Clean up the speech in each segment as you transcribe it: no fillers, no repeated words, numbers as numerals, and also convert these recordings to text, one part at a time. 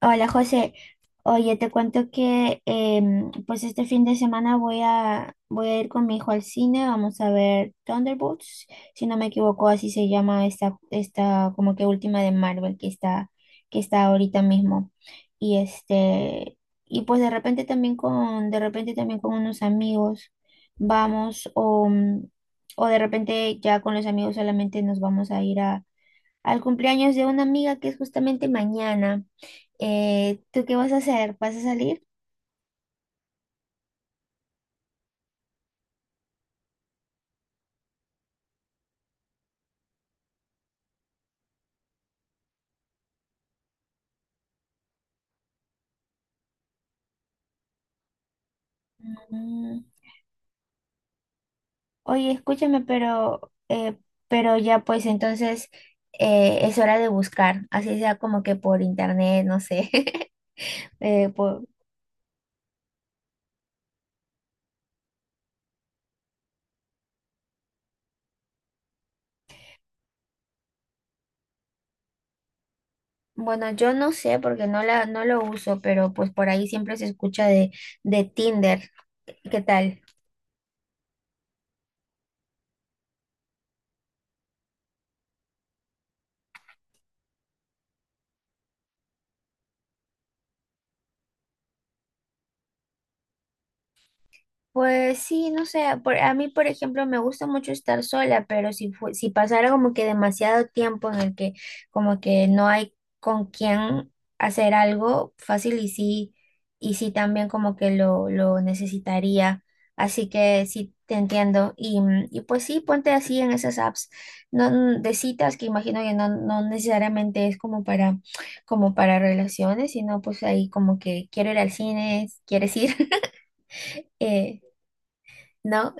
Hola José, oye, te cuento que pues este fin de semana voy a ir con mi hijo al cine, vamos a ver Thunderbolts, si no me equivoco, así se llama esta como que última de Marvel que está ahorita mismo. Y este, y pues de repente también con unos amigos vamos, o de repente ya con los amigos solamente nos vamos a ir a al cumpleaños de una amiga que es justamente mañana. ¿Tú qué vas a hacer? ¿Vas a salir? Mm. Oye, escúchame, pero ya pues entonces es hora de buscar, así sea como que por internet, no sé. Eh, por- bueno, yo no sé porque no la, no lo uso, pero pues por ahí siempre se escucha de Tinder. ¿Qué tal? Pues sí, no sé, a mí por ejemplo me gusta mucho estar sola, pero si pasara como que demasiado tiempo en el que como que no hay con quién hacer algo fácil y sí, también como que lo necesitaría, así que sí te entiendo y pues sí, ponte así en esas apps no, de citas que imagino que no necesariamente es como para relaciones, sino pues ahí como que quiero ir al cine, ¿quieres ir? Eh, ¿No?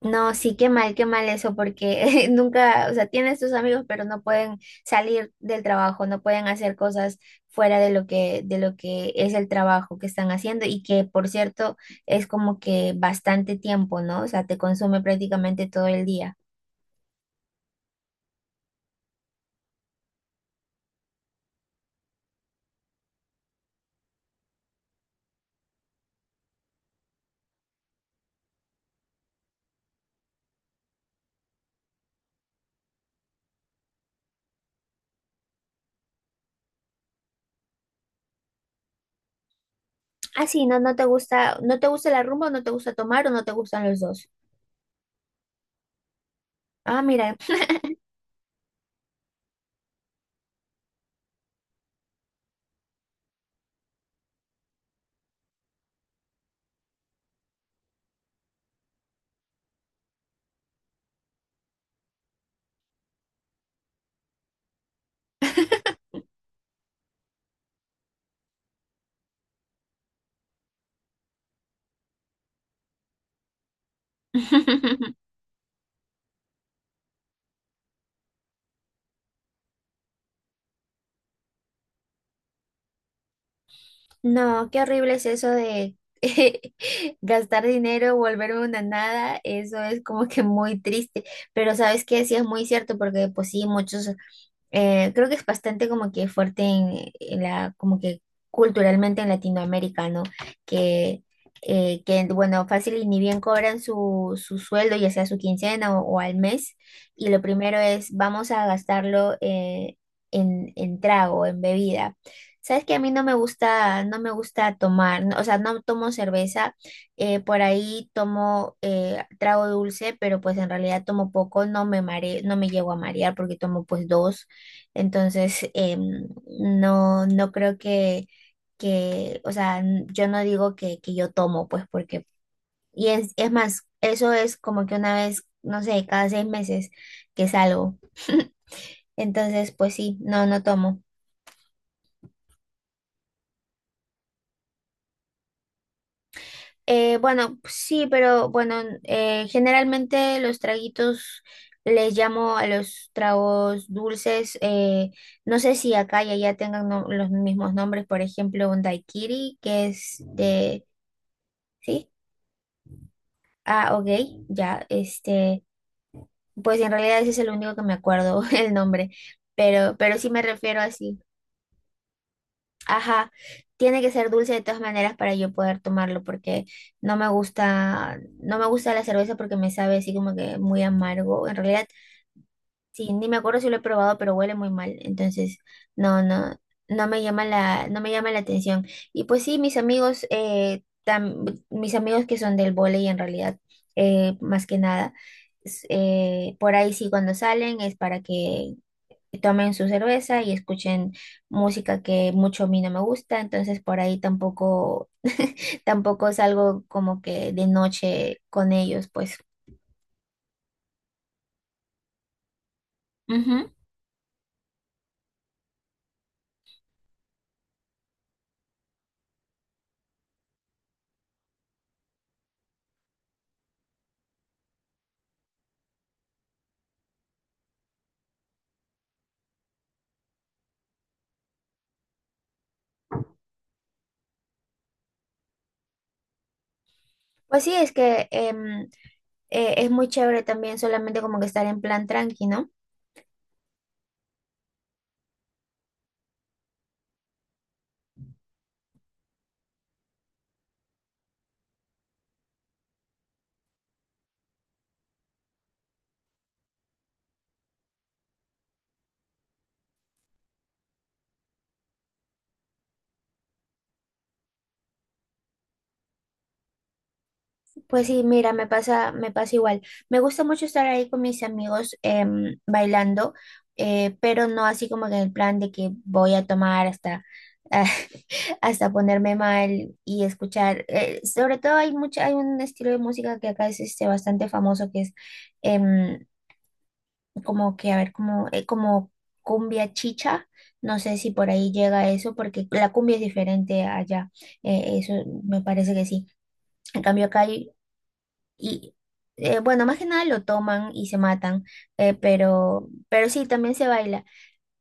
No, sí, qué mal eso, porque nunca, o sea, tienes tus amigos, pero no pueden salir del trabajo, no pueden hacer cosas fuera de lo que es el trabajo que están haciendo y que, por cierto, es como que bastante tiempo, ¿no? O sea, te consume prácticamente todo el día. Ah, sí, no, no te gusta la rumba, o no te gusta tomar o no te gustan los dos. Ah, mira. No, qué horrible es eso de gastar dinero, volverme una nada, eso es como que muy triste, pero sabes que sí es muy cierto porque pues sí, muchos creo que es bastante como que fuerte en la, como que culturalmente en Latinoamérica, ¿no? Que, que bueno, fácil y ni bien cobran su sueldo, ya sea su quincena o al mes, y lo primero es, vamos a gastarlo en trago, en bebida. Sabes que a mí no me gusta tomar, o sea, no tomo cerveza, por ahí tomo trago dulce, pero pues en realidad tomo poco, no me mare, no me llego a marear porque tomo pues dos entonces, no creo o sea, yo no digo que yo tomo, pues porque, y es más, eso es como que una vez, no sé, cada 6 meses que salgo. Entonces, pues sí, no tomo. Bueno, sí, pero bueno, generalmente los traguitos les llamo a los tragos dulces. No sé si acá y allá tengan los mismos nombres, por ejemplo, un daiquiri, que es de. ¿Sí? Ah, ok, ya, este, pues en realidad ese es el único que me acuerdo el nombre, pero sí me refiero así. Ajá, tiene que ser dulce de todas maneras para yo poder tomarlo, porque no me gusta la cerveza porque me sabe así como que muy amargo. En realidad. Sí, ni me acuerdo si lo he probado, pero huele muy mal. Entonces, no, no, no me llama la atención. Y pues sí, mis amigos que son del vóley en realidad, más que nada, por ahí sí cuando salen es para que tomen su cerveza y escuchen música que mucho a mí no me gusta. Entonces, por ahí tampoco, tampoco salgo como que de noche con ellos, pues. Ujú. Pues sí, es que es muy chévere también solamente como que estar en plan tranqui, ¿no? Pues sí, mira, me pasa igual. Me gusta mucho estar ahí con mis amigos bailando, pero no así como que en el plan de que voy a tomar hasta, hasta ponerme mal y escuchar. Sobre todo hay mucha, hay un estilo de música que acá es este, bastante famoso que es em, como que, a ver, como cumbia chicha, no sé si por ahí llega eso, porque la cumbia es diferente allá, eso me parece que sí. En cambio acá y, bueno, más que nada lo toman y se matan, pero sí, también se baila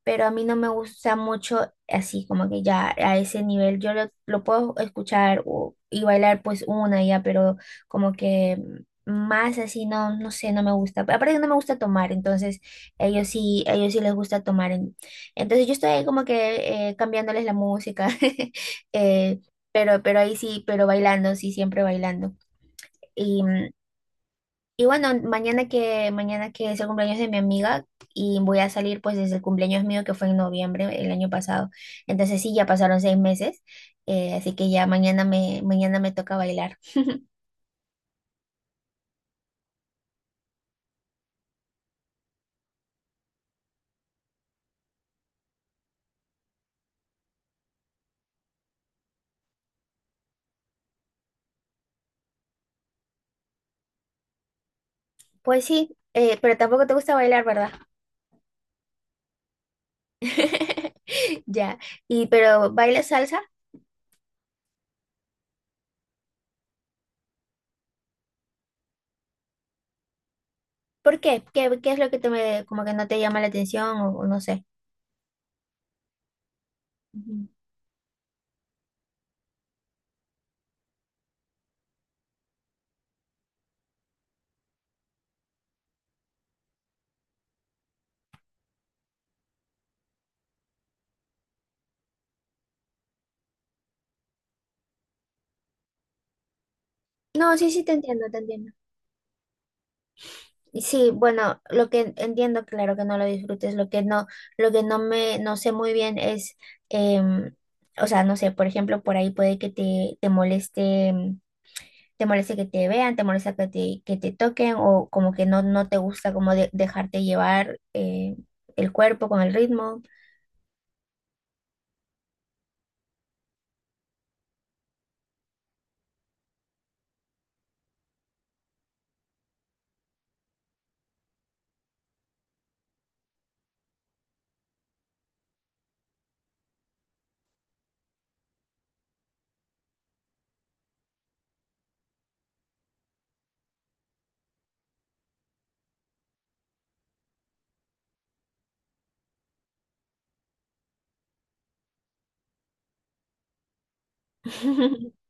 pero a mí no me gusta mucho así, como que ya a ese nivel. Yo lo puedo escuchar y bailar pues una ya, pero como que más así, no sé, no me gusta. Aparte que no me gusta tomar, entonces ellos sí les gusta tomar. Entonces yo estoy ahí como que cambiándoles la música, eh, pero ahí sí, pero bailando, sí, siempre bailando. y mm, y bueno, mañana que es el cumpleaños de mi amiga y voy a salir pues desde el cumpleaños mío que fue en noviembre el año pasado. Entonces sí, ya pasaron 6 meses, así que ya mañana me toca bailar. Pues sí, pero tampoco te gusta bailar, ¿verdad? Ya, y pero ¿bailas salsa? ¿Por qué? ¿Qué es lo que como que no te llama la atención o no sé? Ujú. No, sí, sí, te entiendo, también. Sí, bueno, lo que entiendo, claro que no lo disfrutes, lo que no me, no sé muy bien es, em, o sea, no sé, por ejemplo, por ahí puede que te moleste que te vean, te molesta que te toquen, o como que no te gusta como dejarte llevar, el cuerpo con el ritmo.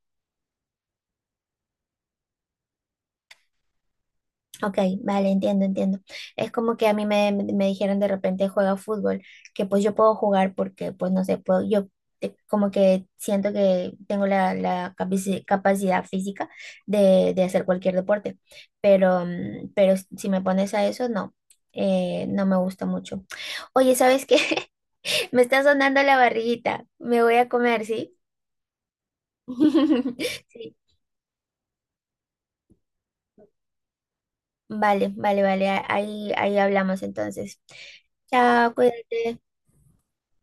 Ok, vale, entiendo, entiendo. Es como que a mí me dijeron de repente juega fútbol, que pues yo puedo jugar porque pues no sé, puedo, como que siento que tengo la capacidad física de hacer cualquier deporte, pero si me pones a eso, no me gusta mucho. Oye, ¿sabes qué? Me está sonando la barriguita, me voy a comer, ¿sí? Sí, vale, vale, vale, ahí hablamos entonces. Chao, cuídate.